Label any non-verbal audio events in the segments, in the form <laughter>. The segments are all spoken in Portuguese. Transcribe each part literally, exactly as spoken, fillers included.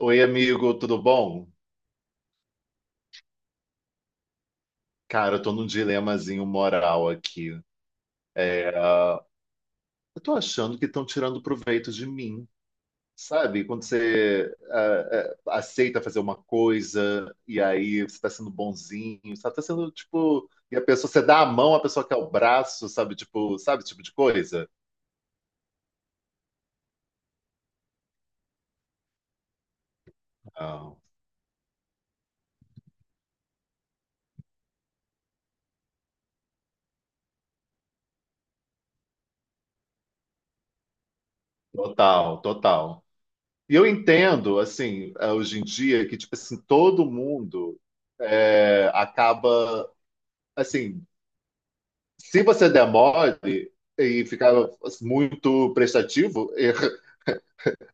Oi, amigo, tudo bom? Cara, eu tô num dilemazinho moral aqui. É, ah, eu tô achando que estão tirando proveito de mim, sabe? Quando você ah, eh, aceita fazer uma coisa e aí você tá sendo bonzinho, sabe? Tá sendo tipo. E a pessoa, você dá a mão, a pessoa quer o braço, sabe? Tipo, sabe esse tipo de coisa? Não. Total, total. E eu entendo, assim, ah, hoje em dia, que, tipo assim, todo mundo eh, acaba. Assim, se você demore e ficar muito prestativo, eh,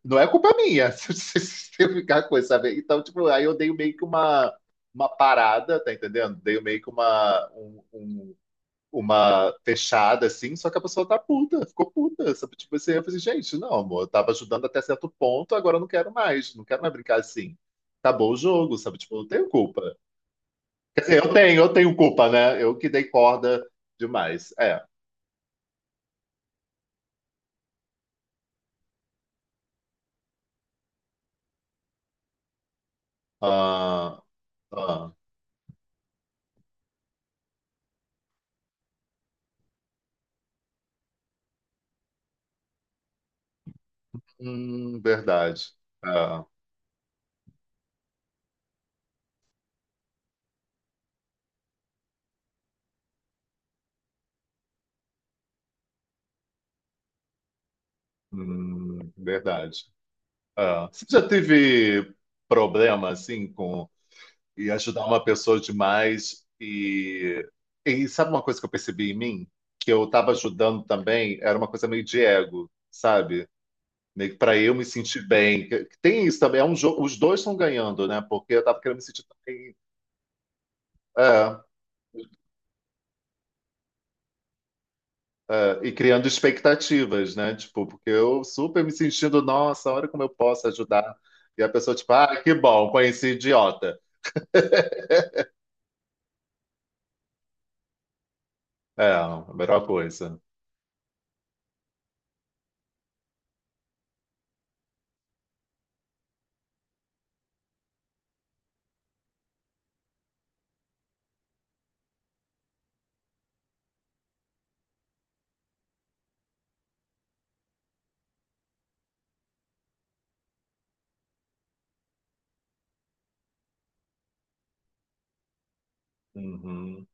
não é culpa minha <laughs> se eu ficar com isso, sabe? Então, tipo, aí eu dei meio que uma, uma parada, tá entendendo? Dei meio que uma, um- um- uma fechada, assim, só que a pessoa tá puta, ficou puta, sabe? Tipo, assim, eu falei, gente, não, amor, eu tava ajudando até certo ponto, agora eu não quero mais, não quero mais brincar assim. Acabou o jogo, sabe? Tipo, eu não tenho culpa. Quer dizer, eu tenho, eu tenho culpa, né? Eu que dei corda demais. É. Ah, Ah, hum, verdade. Ah, hum, verdade. Ah, você já teve problema assim com e ajudar uma pessoa demais e, e sabe uma coisa que eu percebi em mim? Que eu estava ajudando também, era uma coisa meio de ego, sabe? Meio que para eu me sentir bem. Que- que tem isso também, é um jogo, os dois estão ganhando, né? Porque eu tava querendo me sentir também. É. É, e criando expectativas, né? Tipo, porque eu super me sentindo, nossa, olha como eu posso ajudar. E a pessoa, tipo, ah, que bom, conheci idiota. É, a melhor coisa. Uhum.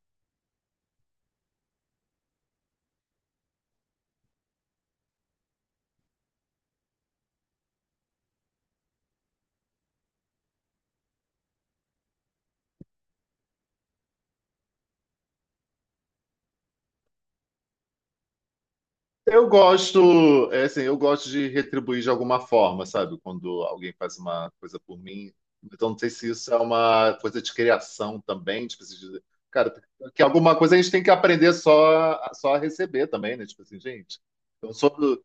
Eu gosto, é assim, eu gosto de retribuir de alguma forma, sabe? Quando alguém faz uma coisa por mim. Então, não sei se isso é uma coisa de criação também, tipo assim, de- cara, que alguma coisa a gente tem que aprender só, só a receber também, né? Tipo assim, gente, eu sou. do-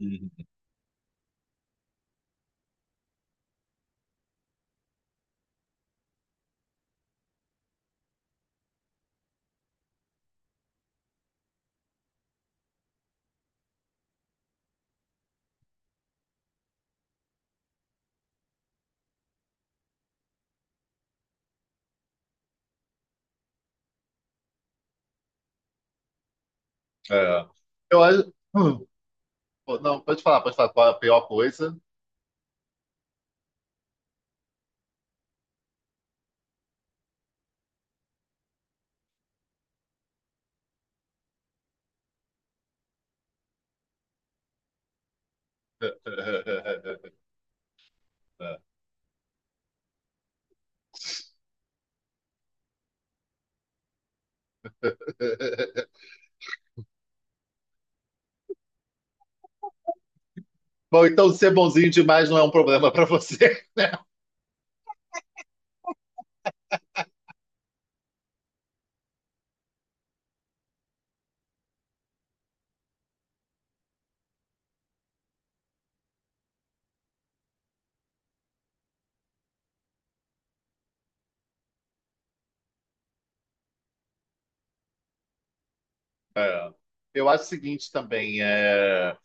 Ah, é. Eu acho. Hum. Pô, não, pode falar, pode falar qual é a pior coisa. <laughs> Bom, então ser bonzinho demais não é um problema para você. <laughs> É. Eu acho o seguinte também, é,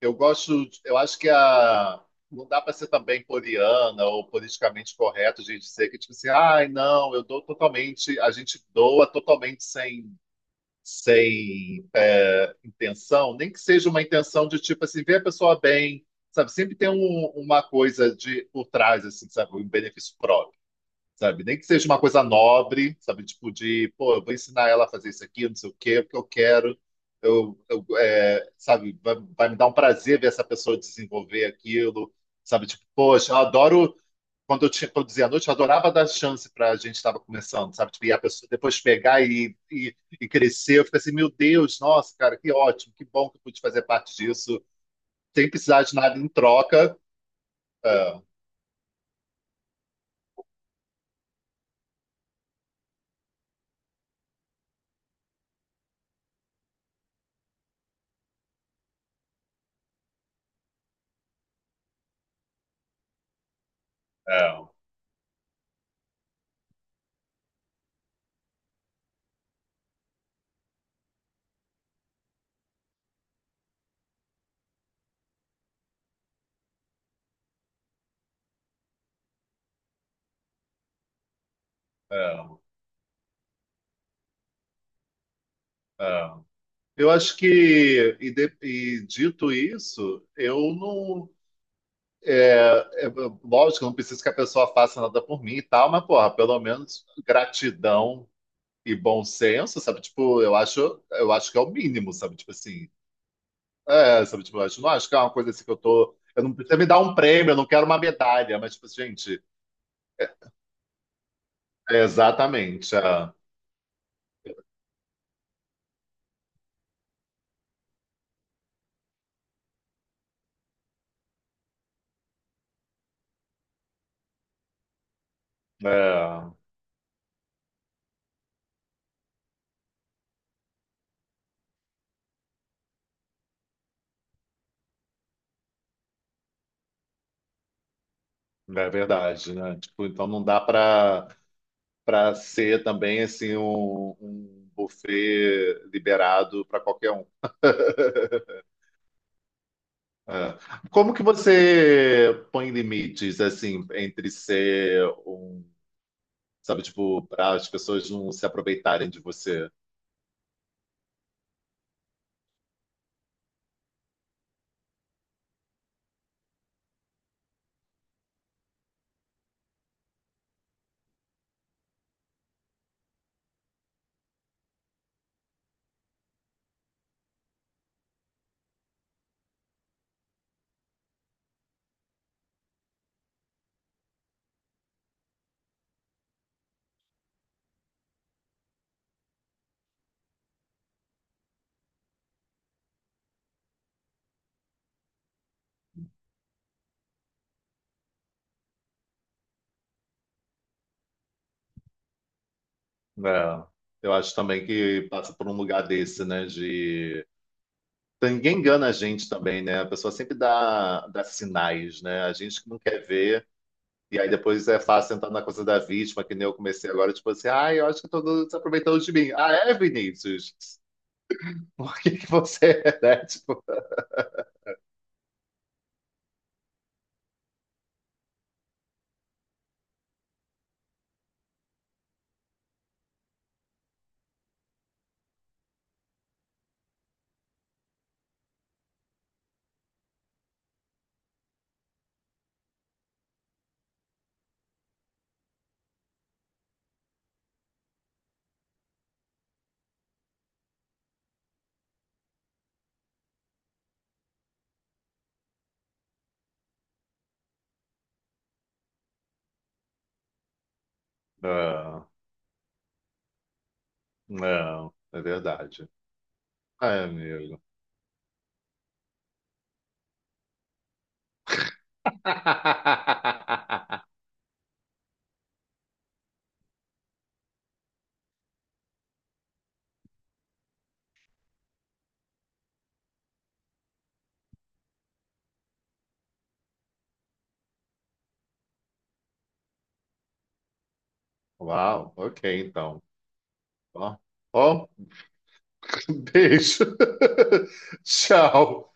eu gosto, de- eu acho que a, não dá para ser também poliana ou politicamente correto de dizer que tipo assim, ai não, eu dou totalmente, a gente doa totalmente sem, sem, intenção, nem que seja uma intenção de tipo assim, ver a pessoa bem, sabe? Sempre tem um- uma coisa de por trás, assim, sabe? Um benefício próprio, sabe? Nem que seja uma coisa nobre, sabe? Tipo de, pô, eu vou ensinar ela a fazer isso aqui, não sei o quê, porque eu quero, eu, eu, é, sabe? Vai, vai me dar um prazer ver essa pessoa desenvolver aquilo, sabe? Tipo, poxa, eu adoro quando eu tinha produzia à noite, eu adorava dar chance para a gente estava começando, sabe? Tipo, e a pessoa depois pegar e, e, e crescer. Eu fico assim, meu Deus, nossa, cara, que ótimo, que bom que eu pude fazer parte disso, sem precisar de nada em troca. É, é, é, é. Eu acho que, e, de, e dito isso, eu não. É, é, lógico, eu não preciso que a pessoa faça nada por mim e tal, mas, porra, pelo menos gratidão e bom senso, sabe? Tipo, eu acho, eu acho que é o mínimo, sabe? Tipo assim, é, sabe, tipo, eu não acho que é uma coisa assim que eu tô. Eu não precisa me dar um prêmio, eu não quero uma medalha, mas, tipo, gente, é exatamente. É, é, é verdade, né? Tipo, então não dá para para ser também assim um, um buffet liberado para qualquer um. É. Como que você põe limites assim entre ser um, sabe, tipo, para as pessoas não se aproveitarem de você? É. Eu acho também que passa por um lugar desse, né? De Então, ninguém engana a gente também, né? A pessoa sempre dá, dá sinais, né? A gente que não quer ver. E aí depois é fácil entrar na coisa da vítima, que nem eu comecei agora, tipo assim, ah, eu acho que todo mundo se aproveitando de mim. Ah, é, Vinícius? <laughs> Por que que você é, né? <laughs> Tipo, não, não, é verdade. Ai, amigo. <laughs> Uau, ok, então. Ó, ó, <laughs> beijo. <laughs> Tchau.